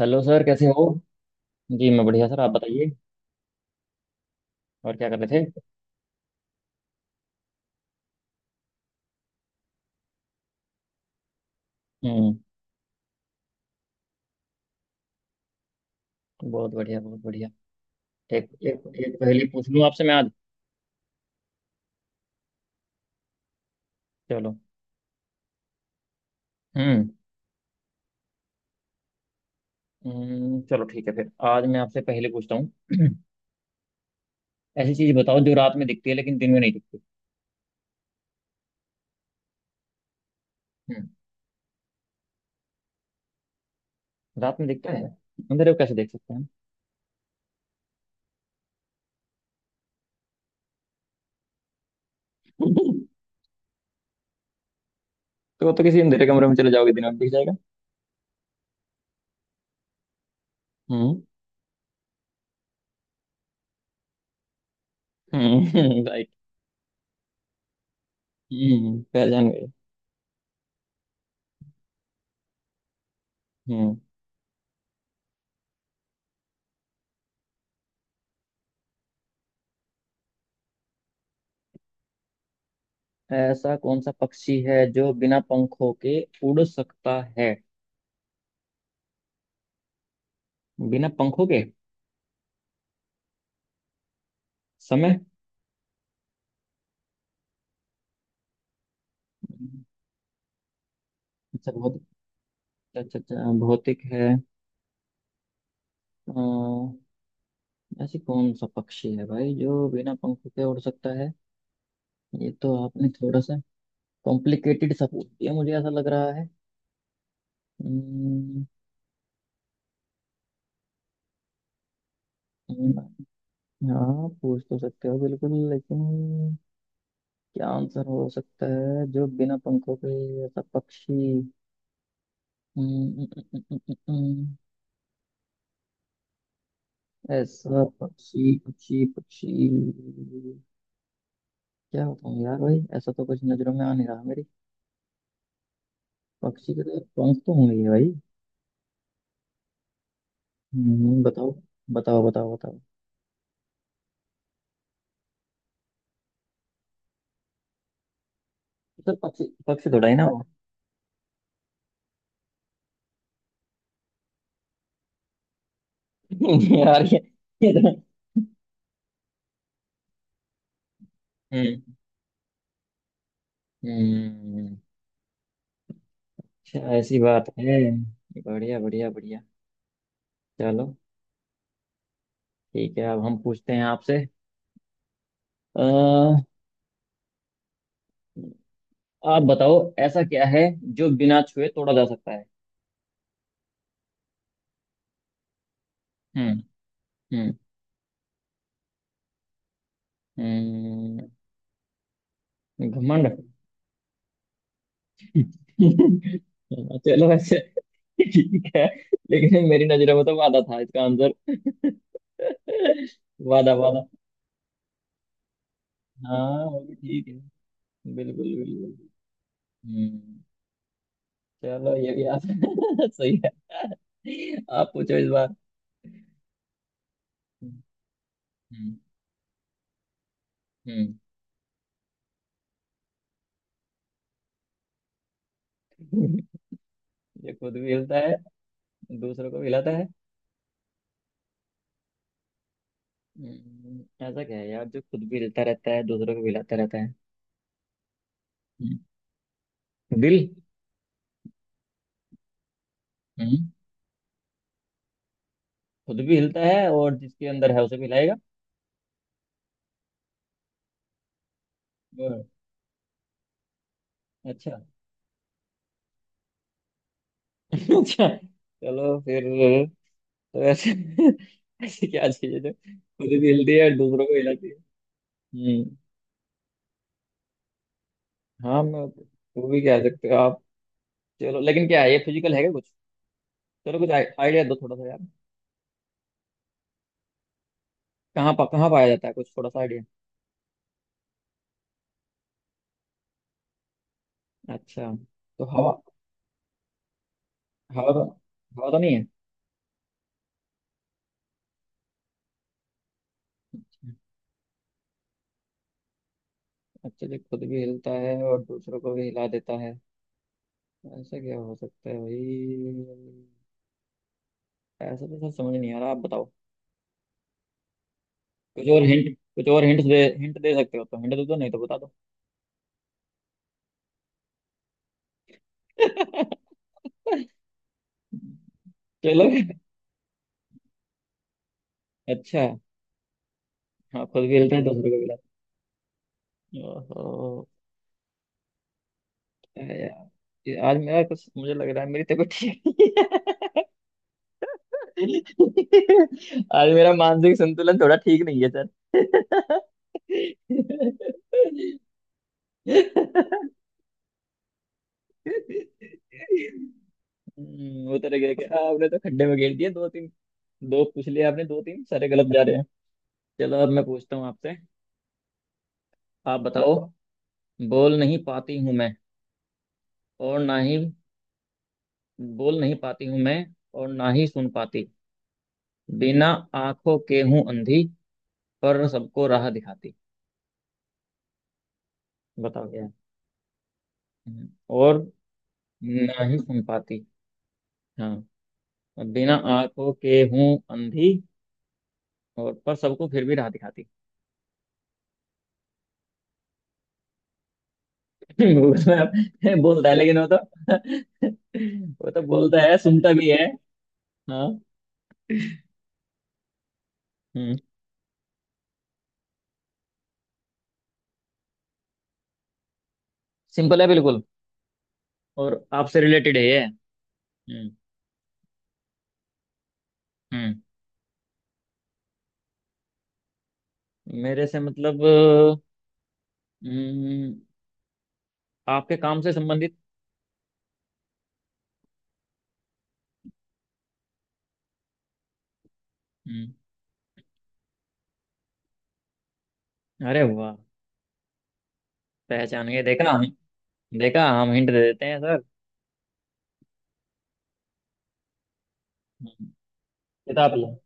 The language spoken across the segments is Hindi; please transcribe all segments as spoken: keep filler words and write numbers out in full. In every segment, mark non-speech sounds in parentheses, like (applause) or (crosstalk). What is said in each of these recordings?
हेलो सर कैसे हो। जी मैं बढ़िया सर, आप बताइए। और क्या कर रहे थे। हम्म। बहुत बढ़िया बहुत बढ़िया। एक एक एक पहेली पूछ लूँ आपसे मैं आज। चलो। हम्म। हम्म, चलो ठीक है फिर आज मैं आपसे पहेली पूछता हूँ। (clears throat) ऐसी चीज बताओ जो रात में दिखती है लेकिन दिन में नहीं दिखती। हम्म। रात में दिखता है। अंधेरे को कैसे देख सकते हैं? (laughs) तो वो तो किसी अंधेरे कमरे में चले जाओगे दिन में दिख जाएगा। हम्म। हम्म। (laughs) राइट। हम्म, पहचान गए। हम्म। ऐसा कौन सा पक्षी है जो बिना पंखों के उड़ सकता है? बिना पंखों के? समय। अच्छा बहुत। अच्छा अच्छा, भौतिक है। अ, ऐसी कौन सा पक्षी है भाई जो बिना पंखों के उड़ सकता है? ये तो आपने थोड़ा सा कॉम्प्लिकेटेड सा पूछ दिया, मुझे ऐसा लग रहा है। अम्म, अम्म, हाँ पूछ तो सकते हो बिल्कुल, लेकिन क्या आंसर हो सकता है जो बिना पंखों के ऐसा पक्षी? अम्म, अम्म, अम्म, अम्म, अम्म, ऐसा पक्षी पक्षी पक्षी। क्या बताऊँ यार भाई, ऐसा तो कुछ नजरों में आ नहीं रहा मेरी। पक्षी के तो पंख तो होंगे ही भाई। हम्म, बताओ बताओ बताओ। बताओ सर, पक्षी पक्षी थोड़ा ही ना हो। (laughs) यार ये, ये तो। हम्म। हम्म, अच्छा ऐसी बात है। बढ़िया बढ़िया बढ़िया। चलो, ठीक है अब हम पूछते हैं आपसे। अ, आप बताओ ऐसा क्या है जो बिना छुए तोड़ा जा सकता है? हम्म। हम्म। हम्म, घमंड। (laughs) चलो ऐसे ठीक है, लेकिन मेरी नजरों में तो वादा था इसका आंसर। (laughs) वादा वादा। हाँ वो भी ठीक है। बिल्कुल बिल्कुल। हम्म। चलो ये भी आप (laughs) सही है। आप पूछो इस बार। हम्म। हम्म। (laughs) ये खुद भी हिलता है दूसरों को भी हिलाता है। हम्म, ऐसा क्या है यार जो खुद भी हिलता रहता है दूसरों को भी हिलाता रहता है? हम्म, दिल। हम्म। खुद भी हिलता है और जिसके अंदर है उसे भी हिलाएगा। और-। अच्छा। (laughs) अच्छा चलो फिर। तो ऐसे (laughs) ऐसे क्या चाहिए जो खुद ही हिलती है और दूसरों को हिलाती है? हम्म। हाँ मैं, वो भी कह सकते हो आप। चलो लेकिन क्या है ये, फिजिकल है क्या कुछ? चलो कुछ आइडिया दो थोड़ा सा यार। कहाँ पा, कहाँ पाया जाता है, कुछ थोड़ा सा आइडिया? अच्छा। तो हवा। हवा तो हवा तो नहीं है? अच्छा जी, खुद भी हिलता है और दूसरों को भी हिला देता है, ऐसा क्या हो सकता है भाई? ऐसा तो सर समझ नहीं आ रहा, आप बताओ। कुछ और हिंट, कुछ और हिंट दे हिंट दे सकते हो तो हिंट दे दो, नहीं तो बता दो। (laughs) चलो। अच्छा। हाँ खुद भी हिलते हैं दूसरों को भी हिलाते। ओहो। हैं। अरे यार ये आज मेरा कुछ मुझे लग रहा है मेरी तबीयत ठीक नहीं है। (laughs) आज मेरा मानसिक संतुलन थोड़ा ठीक नहीं है सर। हम्म, उतर गया क्या, आपने तो खड्डे में घेर दिया। दो तीन, दो पूछ लिए आपने, दो तीन सारे गलत जा रहे हैं। चलो अब मैं पूछता हूँ आपसे। आप बताओ। बोल नहीं पाती हूँ मैं, और ना ही, बोल नहीं पाती हूँ मैं और ना ही सुन पाती, बिना आंखों के हूं अंधी, पर सबको राह दिखाती। बताओ क्या है? हम्म, और ना ही सुन पाती। हाँ। बिना आंखों के हूं अंधी और पर सबको फिर भी राह दिखाती। (laughs) उसमें आप- बोलता है लेकिन वो तो (laughs) वो तो बोलता है सुनता भी है। हाँ। हम्म। सिंपल है बिल्कुल। और आपसे रिलेटेड है ये। हम्म। हम्म। मेरे से मतलब अ, हम्म, आपके काम से संबंधित। हम्म, अरे वाह, पहचान गए, देखा? देखा, हम हिंट दे देते हैं सर। हम्म, किताब लो।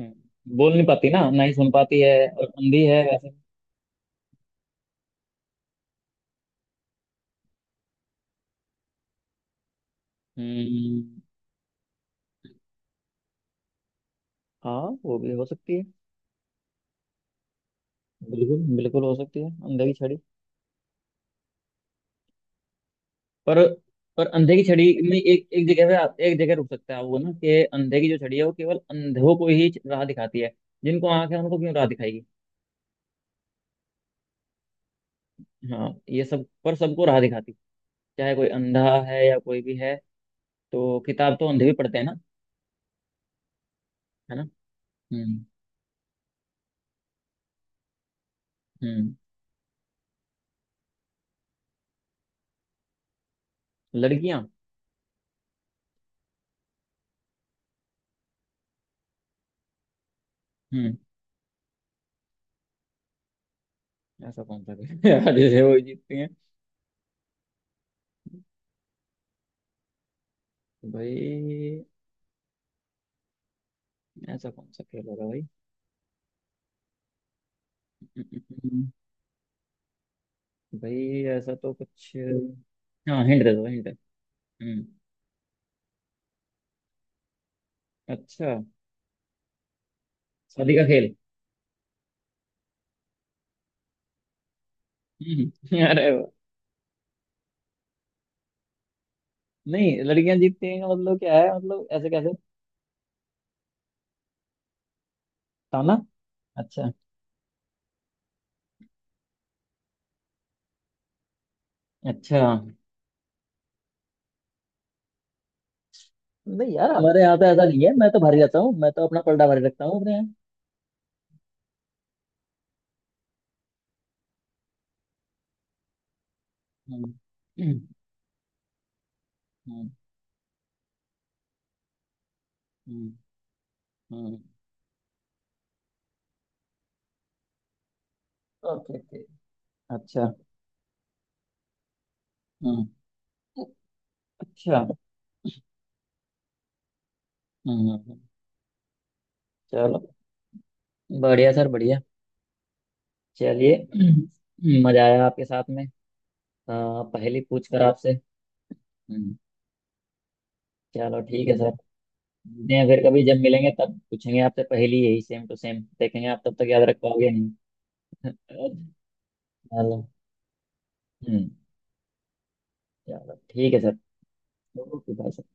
हम्म, बोल नहीं पाती, ना ना ही सुन पाती है, और अंधी है वैसे। हम्म, हाँ वो भी हो सकती है। बिल्कुल बिल्कुल हो सकती है, अंधे की छड़ी। पर पर अंधे की छड़ी में एक एक जगह पे आप एक जगह रुक सकता है वो, ना कि अंधे की जो छड़ी है वो केवल अंधों को ही राह दिखाती है, जिनको आंख है उनको क्यों राह दिखाएगी? हाँ ये सब, पर सबको राह दिखाती चाहे कोई अंधा है या कोई भी है, तो किताब तो अंधे भी पढ़ते हैं ना, है ना। हम्म। हम्म। लड़कियां। हम्म। ऐसा कौन सा खेल (laughs) यार जैसे वो जीतती हैं? तो भाई ऐसा कौन सा खेल होगा भाई? (laughs) हम्म, भाई ऐसा तो कुछ। हाँ हिंट दे दो हिंट। हम्म। अच्छा, शादी का खेल। (laughs) हम्म, अरे वाह। नहीं, लड़कियां जीतती हैं का मतलब क्या है, मतलब ऐसे कैसे? ताना। अच्छा। अच्छा नहीं यार, हमारे यहाँ तो ऐसा नहीं है, मैं तो भारी रहता हूँ, मैं तो अपना पलड़ा भारी रखता हूँ अपने यहाँ। हम्म। हम्म। हम्म। हम्म, हम्म। Okay okay. अच्छा। हम्म। अच्छा। हम्म। हम्म, हम्म। चलो, बढ़िया सर बढ़िया। चलिए, हम्म, मजा आया आपके साथ में, आ, पहेली पूछ कर आपसे। हम्म, चलो ठीक है सर, मिलते हैं फिर कभी, जब मिलेंगे तब पूछेंगे आपसे पहेली, यही सेम टू सेम, देखेंगे आप तब तक याद रख पाओगे या नहीं। चलो। हम्म, चलो ठीक है सर। Okay bye.